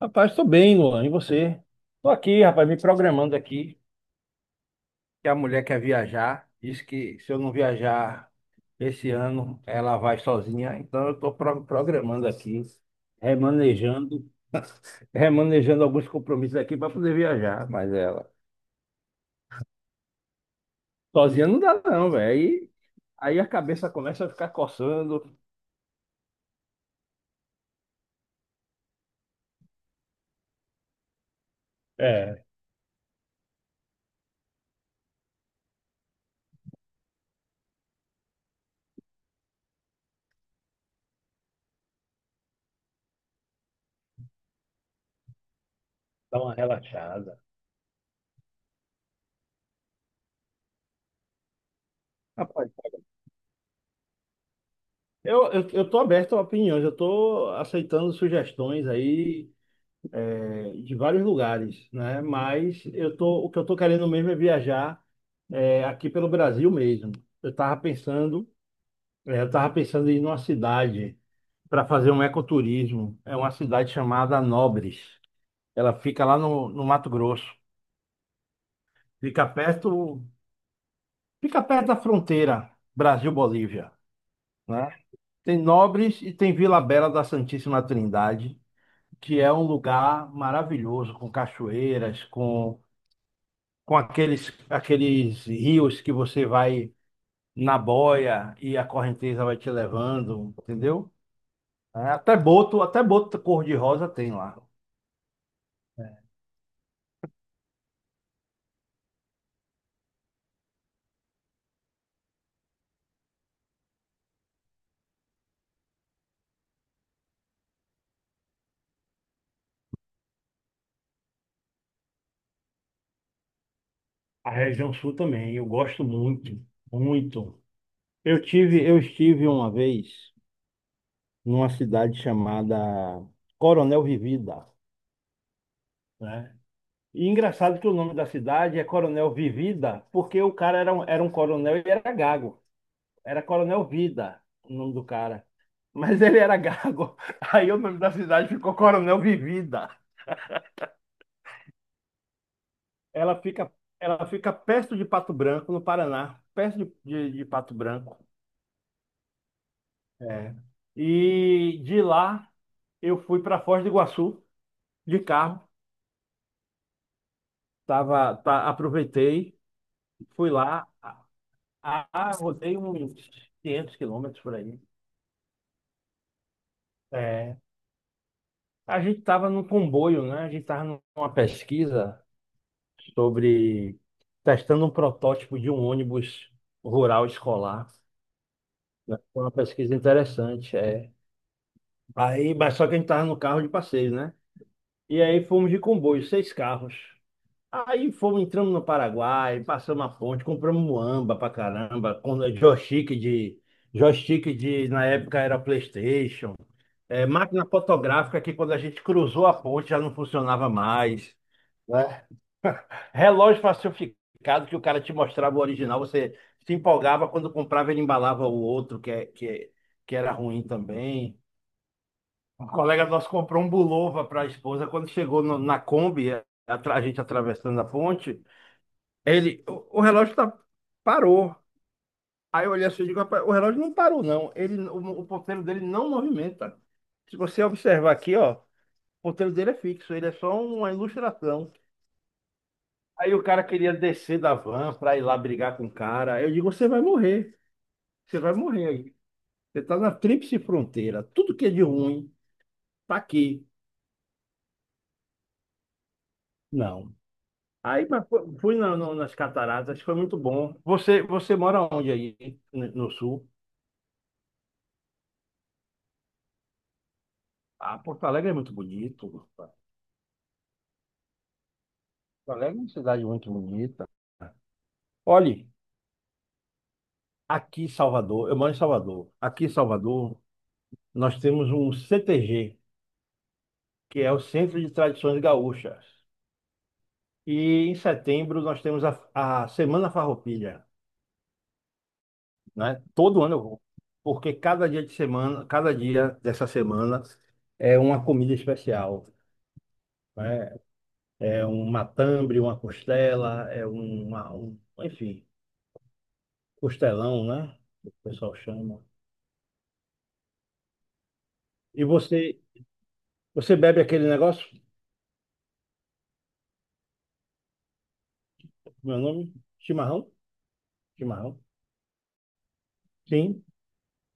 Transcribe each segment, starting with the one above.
Rapaz, tô bem, Luan. E você? Tô aqui, rapaz, me programando aqui, que a mulher quer viajar. Diz que se eu não viajar esse ano, ela vai sozinha. Então eu tô programando aqui, remanejando, remanejando alguns compromissos aqui para poder viajar. Mas ela, sozinha não dá não, velho. Aí a cabeça começa a ficar coçando. É, dá uma relaxada. Rapaz, eu tô aberto a opiniões, eu tô aceitando sugestões aí de vários lugares, né? O que eu tô querendo mesmo é viajar aqui pelo Brasil mesmo. Eu tava pensando, eu tava pensando em ir numa cidade para fazer um ecoturismo. É uma cidade chamada Nobres. Ela fica lá no Mato Grosso. Fica perto, fica perto da fronteira Brasil-Bolívia, né? Tem Nobres e tem Vila Bela da Santíssima Trindade, que é um lugar maravilhoso, com cachoeiras, com aqueles rios que você vai na boia e a correnteza vai te levando, entendeu? É, até boto cor-de-rosa tem lá. A região sul também, eu gosto muito, muito. Eu estive uma vez numa cidade chamada Coronel Vivida, né? E engraçado que o nome da cidade é Coronel Vivida, porque o cara era um coronel e era gago. Era Coronel Vida, o nome do cara. Mas ele era gago. Aí o nome da cidade ficou Coronel Vivida. Ela fica, ela fica perto de Pato Branco, no Paraná, perto de Pato Branco. É. E de lá eu fui para Foz do Iguaçu de carro. Aproveitei, fui lá, rodei uns 500 quilômetros por aí. É. A gente estava num comboio, né? A gente estava numa pesquisa sobre testando um protótipo de um ônibus rural escolar, né? Foi uma pesquisa interessante, é. Aí, mas só que a gente estava no carro de passeio, né? E aí fomos de comboio, seis carros. Aí fomos, entramos no Paraguai, passamos a ponte, compramos muamba pra caramba, com joystick de, na época era PlayStation, é, máquina fotográfica que quando a gente cruzou a ponte já não funcionava mais, né? Relógio falsificado que o cara te mostrava o original, você se empolgava quando comprava, ele embalava o outro, que era ruim também. Um colega nosso comprou um Bulova para a esposa. Quando chegou na Kombi, a gente atravessando a ponte, o relógio parou. Aí eu olhei assim e digo, rapaz, o relógio não parou, não. O ponteiro dele não movimenta. Se você observar aqui, ó, o ponteiro dele é fixo, ele é só uma ilustração. Aí o cara queria descer da van pra ir lá brigar com o cara. Eu digo, você vai morrer. Você vai morrer aí. Você tá na tríplice fronteira. Tudo que é de ruim tá aqui. Não. Aí mas fui nas cataratas, foi muito bom. Você mora onde aí? No, no sul? Ah, Porto Alegre é muito bonito. Porto Alegre é uma cidade muito bonita. Olhe, aqui em Salvador, eu moro em Salvador. Aqui em Salvador, nós temos um CTG, que é o Centro de Tradições Gaúchas. E em setembro nós temos a Semana Farroupilha, né? Todo ano eu vou, porque cada dia de semana, cada dia dessa semana é uma comida especial, né? É um matambre, uma costela, é enfim, costelão, né? O pessoal chama. E você, você bebe aquele negócio? Meu nome? Chimarrão? Chimarrão? Sim,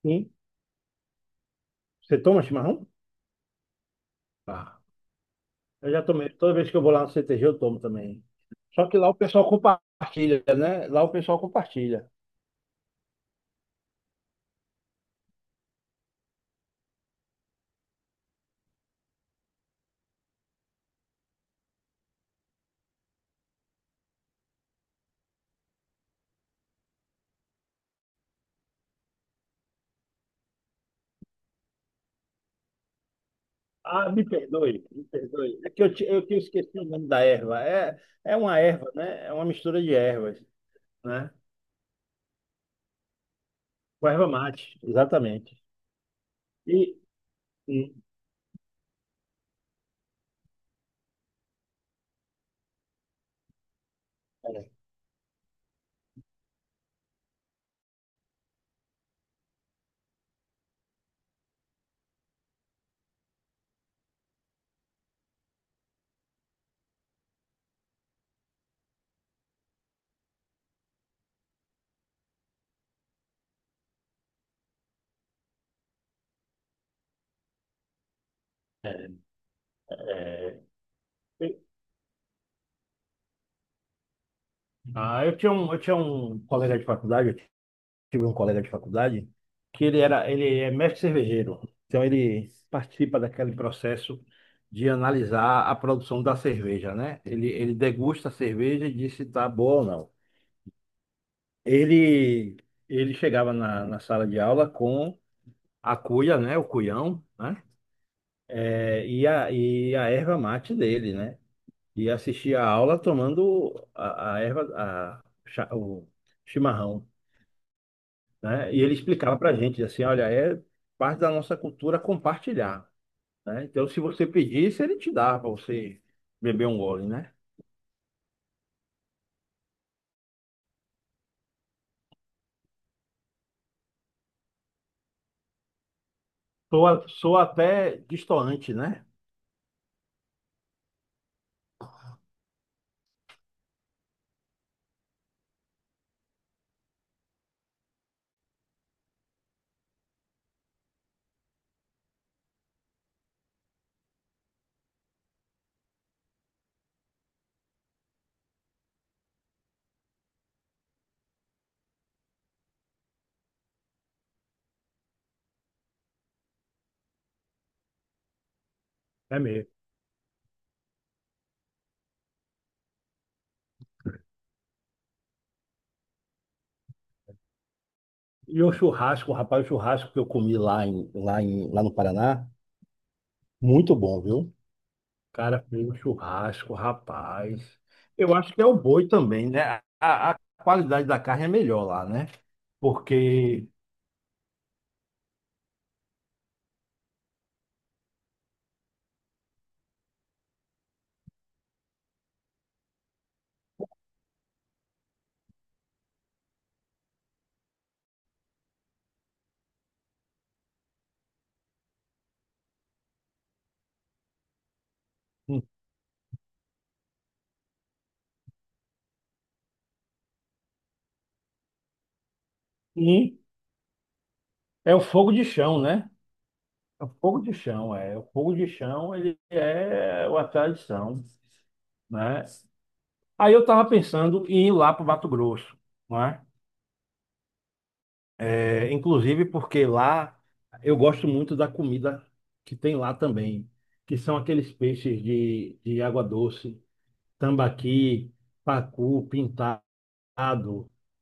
sim. Você toma chimarrão? Tá. Eu já tomei. Toda vez que eu vou lá no CTG, eu tomo também. Só que lá o pessoal compartilha, né? Lá o pessoal compartilha. Ah, me perdoe, me perdoe. É que eu que esqueci o nome da erva. É, é uma erva, né? É uma mistura de ervas, né? Com erva mate, exatamente. E, e- é, é. Ah, eu tinha um colega de faculdade, tive um colega de faculdade que ele é mestre cervejeiro. Então ele participa daquele processo de analisar a produção da cerveja, né? Ele degusta a cerveja e diz se está boa ou não. Ele, ele chegava na sala de aula com a cuia, né? O cuião, né? É, e a erva mate dele, né? E assistia a aula tomando a erva, o chimarrão, né? E ele explicava para a gente assim, olha, é parte da nossa cultura compartilhar, né? Então, se você pedisse, ele te dava para você beber um gole, né? Soa até destoante, né? É mesmo. E o churrasco, rapaz, o churrasco que eu comi lá no Paraná, muito bom, viu? O Cara, fez um churrasco, rapaz. Eu acho que é o boi também, né? A qualidade da carne é melhor lá, né? Porque hum, hum, é o fogo de chão, né? O fogo de chão, é. O fogo de chão, ele é uma tradição, né? Aí eu estava pensando em ir lá para o Mato Grosso, né? É, é, inclusive porque lá eu gosto muito da comida que tem lá também, que são aqueles peixes de água doce, tambaqui, pacu, pintado,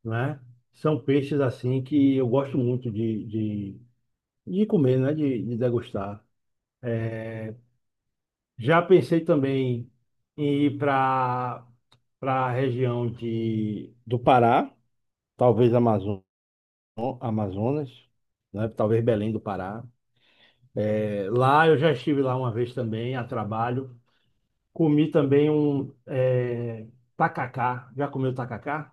né? São peixes assim que eu gosto muito de comer, né? De degustar. É, já pensei também em ir para a região do Pará, talvez Amazonas, né? Talvez Belém do Pará. É, lá eu já estive lá uma vez também, a trabalho. Comi também um tacacá. Já comeu tacacá?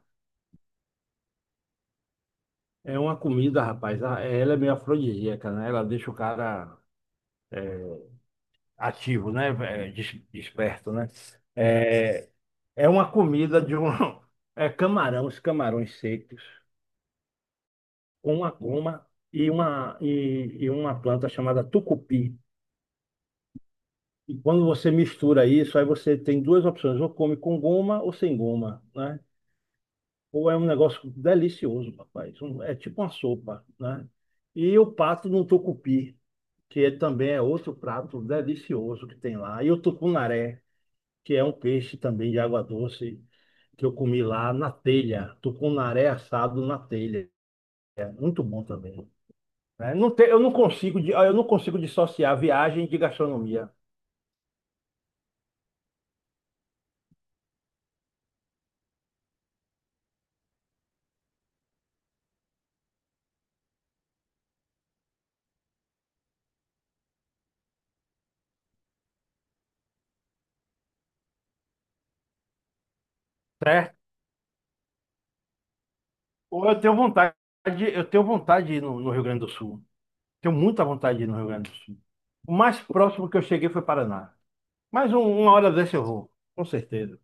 É uma comida, rapaz. Ela é meio afrodisíaca, né? Ela deixa o cara ativo, né? É, desperto, né? É, é uma comida de um. É camarão, os camarões secos, uma goma e uma planta chamada tucupi. E quando você mistura isso, aí você tem duas opções, ou come com goma ou sem goma, né? Ou é um negócio delicioso, rapaz. É tipo uma sopa, né? E o pato no tucupi, que ele também é outro prato delicioso que tem lá. E o tucunaré, que é um peixe também de água doce, que eu comi lá na telha. Tucunaré assado na telha. Muito bom também, né? Não tem, eu não consigo dissociar viagem de gastronomia, certo? Ou eu tenho vontade de ir no, no Rio Grande do Sul. Tenho muita vontade de ir no Rio Grande do Sul. O mais próximo que eu cheguei foi Paraná. Mas uma hora dessa eu vou, com certeza.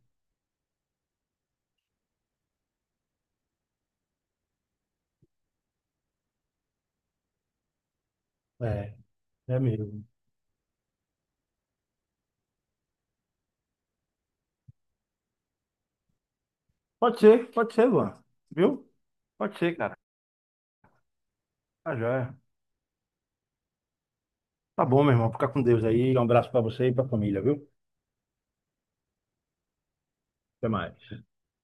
É, é mesmo. Pode ser, Luan. Viu? Pode ser, cara. Tá joia. Tá bom, meu irmão. Fica com Deus aí. Um abraço pra você e pra família, viu? Até mais.